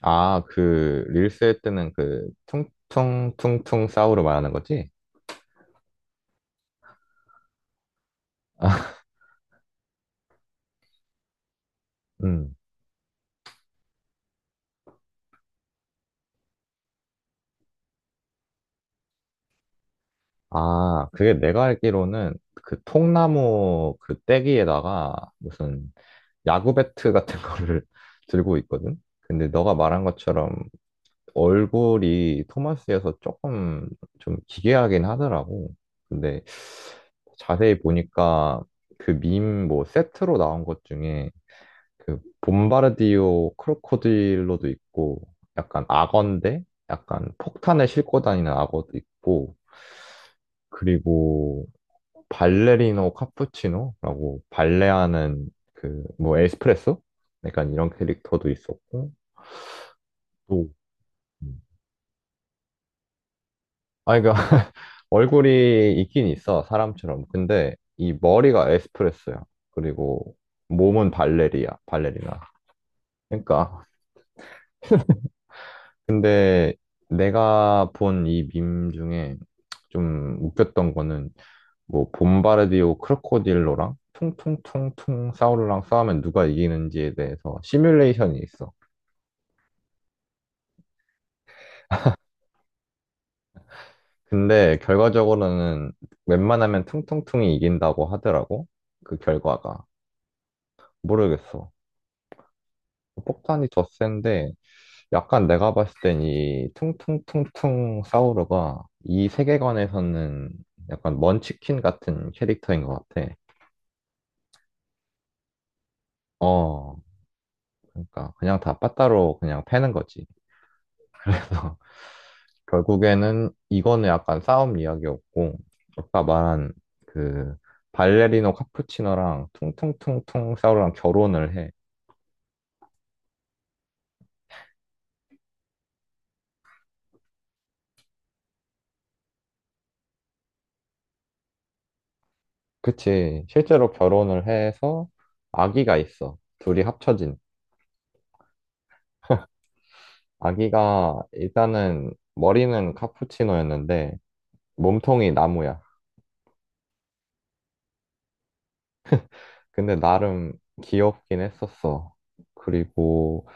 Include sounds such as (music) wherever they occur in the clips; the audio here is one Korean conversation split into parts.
아, 그, 릴스 할 때는 그, 퉁퉁퉁퉁 싸우로 말하는 거지? (laughs) 아, 음. 아, 그게 내가 알기로는 그 통나무 그 떼기에다가 무슨 야구 배트 같은 (laughs) 거를 들고 있거든? 근데 너가 말한 것처럼 얼굴이 토마스여서 조금 좀 기괴하긴 하더라고. 근데 자세히 보니까 그 밈 뭐 세트로 나온 것 중에 그 봄바르디오 크로코딜로도 있고 약간 악어인데 약간 폭탄을 싣고 다니는 악어도 있고 그리고 발레리노 카푸치노라고 발레하는 그 뭐 에스프레소? 약간 이런 캐릭터도 있었고 또 음. 아 그러니까 (laughs) 얼굴이 있긴 있어 사람처럼 근데 이 머리가 에스프레소야. 그리고 몸은 발레리야 발레리나 그러니까 근데 내가 본 이 밈 중에 좀 웃겼던 거는 뭐 봄바르디오 크로코딜로랑 퉁퉁퉁퉁 사우루랑 싸우면 누가 이기는지에 대해서 시뮬레이션이 있어. 근데 결과적으로는 웬만하면 퉁퉁퉁이 이긴다고 하더라고. 그 결과가. 모르겠어. 폭탄이 더 센데 약간 내가 봤을 땐 이 퉁퉁퉁퉁 사우루가 이 세계관에서는 약간 먼치킨 같은 캐릭터인 것 같아. 어, 그러니까 그냥 다 빠따로 그냥 패는 거지. 그래서 (laughs) 결국에는 이거는 약간 싸움 이야기였고, 아까 말한 그 발레리노 카푸치노랑 퉁퉁퉁퉁 싸우랑 결혼을 해. 그치. 실제로 결혼을 해서 아기가 있어. 둘이 합쳐진. 아기가 일단은 머리는 카푸치노였는데 몸통이 나무야. 근데 나름 귀엽긴 했었어. 그리고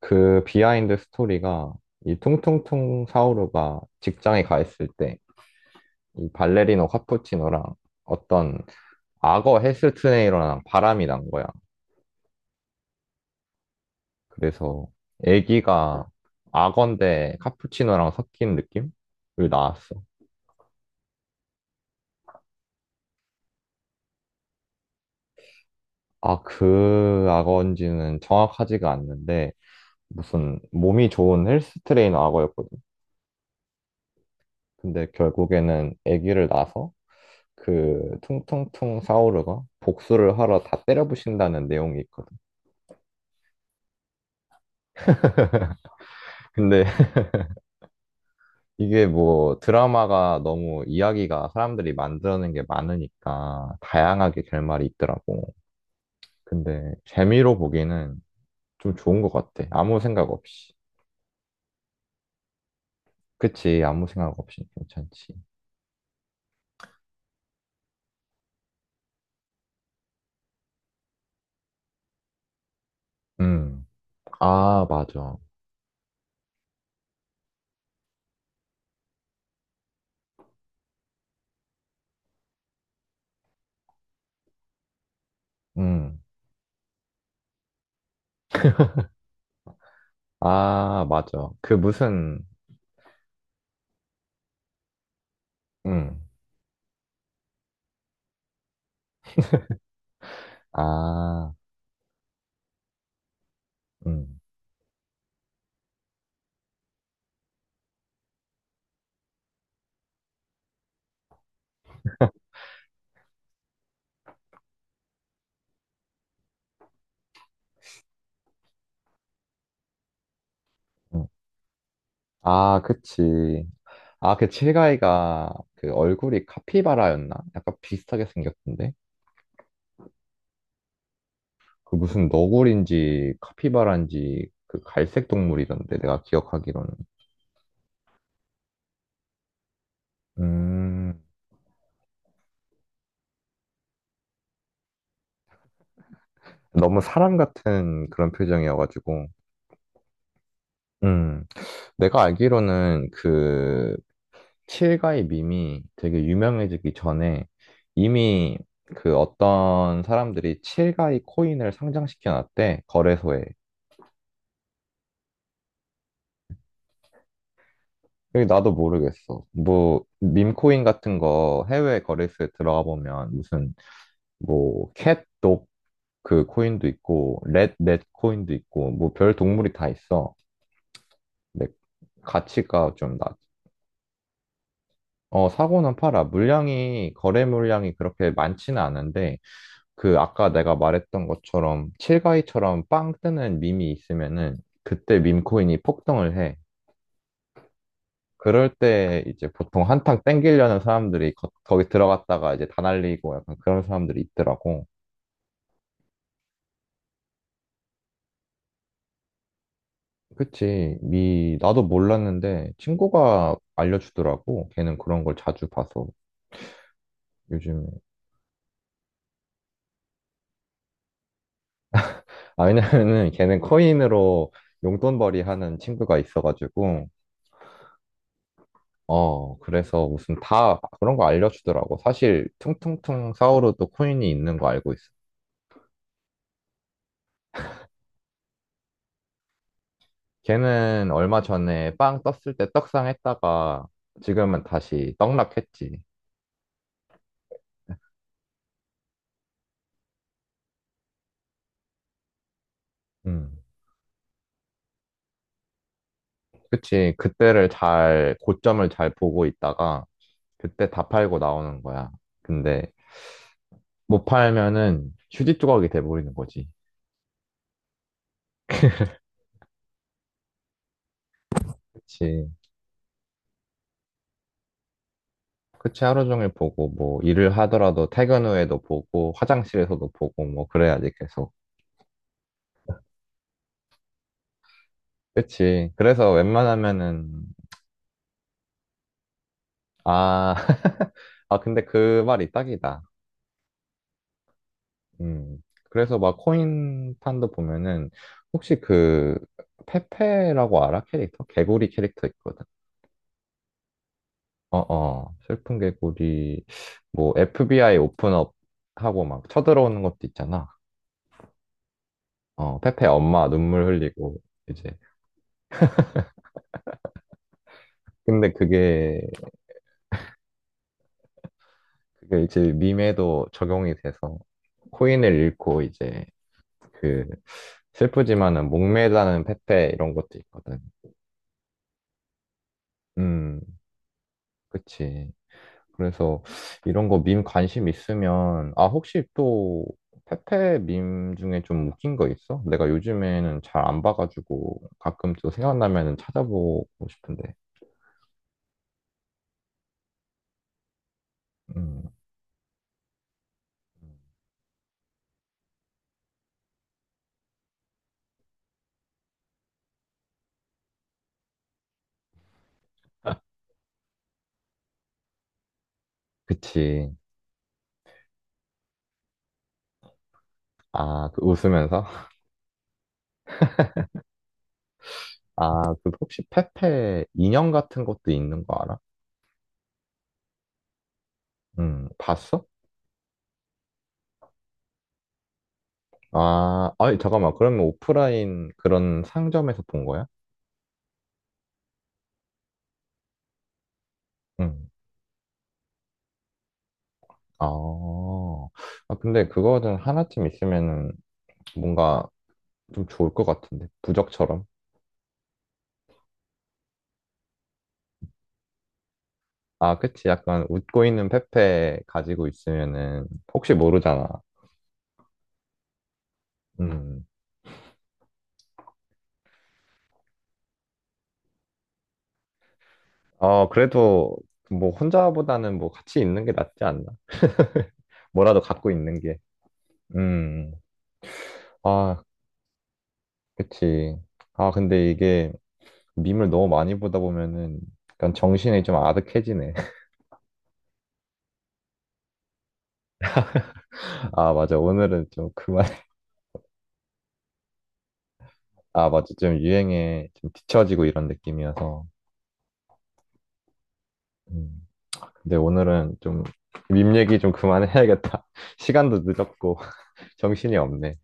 그 비하인드 스토리가 이 퉁퉁퉁 사오루가 직장에 가 있을 때 이 발레리노 카푸치노랑 어떤 악어 헬스트레이너랑 바람이 난 거야. 그래서 애기가 악어인데 카푸치노랑 섞인 느낌을 낳았어. 아, 그 악어인지는 정확하지가 않는데 무슨 몸이 좋은 헬스트레이너 악어였거든. 근데 결국에는 애기를 낳아서 그 퉁퉁퉁 사오르가 복수를 하러 다 때려부신다는 내용이 있거든. 근데 (laughs) 이게 뭐 드라마가 너무 이야기가 사람들이 만들어낸 게 많으니까 다양하게 결말이 있더라고. 근데 재미로 보기에는 좀 좋은 것 같아. 아무 생각 없이. 그치, 아무 생각 없이 괜찮지. 음, 아, 맞아. 음, 아, 맞아. 그 무슨, 음, 아, 음, 음. 아, 그치. 아, 그 칠가이가 그 얼굴이 카피바라였나? 약간 비슷하게 생겼던데? 그 무슨 너구리인지 카피바라인지 그 갈색 동물이던데, 내가 기억하기로는. 음, 너무 사람 같은 그런 표정이어가지고. 음, 내가 알기로는 그 칠가이 밈이 되게 유명해지기 전에 이미 그 어떤 사람들이 칠가이 코인을 상장시켜 놨대, 거래소에. 이 나도 모르겠어. 뭐, 밈코인 같은 거 해외 거래소에 들어가 보면 무슨, 뭐, 캣독 그 코인도 있고, 렛, 넷 코인도 있고, 뭐, 별 동물이 다 있어. 근데 가치가 좀 낮. 어, 사고는 팔아. 물량이, 거래 물량이 그렇게 많지는 않은데, 그 아까 내가 말했던 것처럼, 칠가이처럼 빵 뜨는 밈이 있으면은, 그때 밈코인이 폭등을 해. 그럴 때 이제 보통 한탕 땡기려는 사람들이 거, 거기 들어갔다가 이제 다 날리고 약간 그런 사람들이 있더라고. 그치. 미, 나도 몰랐는데 친구가 알려주더라고. 걔는 그런 걸 자주 봐서 요즘에. 아, 왜냐면은 (laughs) 걔는 코인으로 용돈벌이 하는 친구가 있어가지고, 어, 그래서 무슨 다 그런 거 알려주더라고. 사실 퉁퉁퉁 사오르도 코인이 있는 거 알고 있어. 걔는 얼마 전에 빵 떴을 때 떡상 했다가 지금은 다시 떡락했지. 음. 그치. 그때를 잘, 고점을 잘 보고 있다가 그때 다 팔고 나오는 거야. 근데 못 팔면은 휴지 조각이 돼버리는 거지. 그치. 그치. 하루 종일 보고 뭐 일을 하더라도 퇴근 후에도 보고 화장실에서도 보고 뭐 그래야지 계속. 그치. 그래서 웬만하면은, 아, (laughs) 아, 근데 그 말이 딱이다. 음. 그래서 막 코인 판도 보면은 혹시 그 페페라고 알아? 캐릭터? 개구리 캐릭터 있거든. 어어. 슬픈 개구리 뭐 FBI 오픈업 하고 막 쳐들어오는 것도 있잖아. 어, 페페 엄마 눈물 흘리고 이제 근데 그게 이제 밈에도 적용이 돼서 코인을 잃고 이제 그 슬프지만은 목매다는 페페 이런 것도 있거든. 음, 그치. 그래서 이런 거 밈 관심 있으면, 아, 혹시 또 페페 밈 중에 좀 웃긴 거 있어? 내가 요즘에는 잘 안 봐가지고 가끔 또 생각나면은 찾아보고 싶은데. 음. (laughs) 그치. 아, 그 웃으면서? 아, 그 혹시 페페 인형 같은 것도 있는 거 알아? 봤어? 아, 아니, 잠깐만. 그러면 오프라인 그런 상점에서 본 거야? 응. 아, 아, 근데 그거는 하나쯤 있으면은 뭔가 좀 좋을 것 같은데. 부적처럼. 아, 그치. 약간 웃고 있는 페페 가지고 있으면은 혹시 모르잖아. 음. 어, 그래도 뭐 혼자보다는 뭐 같이 있는 게 낫지 않나? 뭐라도 갖고 있는 게. 음. 아, 그치. 아, 근데 이게 밈을 너무 많이 보다 보면은 약간 정신이 좀 아득해지네. (laughs) 아, 맞아. 오늘은 좀 그만. (laughs) 아, 맞아. 좀 유행에 좀 뒤처지고 이런 느낌이어서. 음. 근데 오늘은 좀 밈 얘기 좀 그만해야겠다. (laughs) 시간도 늦었고 (laughs) 정신이 없네.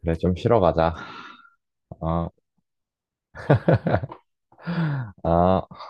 그래, 좀 쉬러 가자. 어, 어.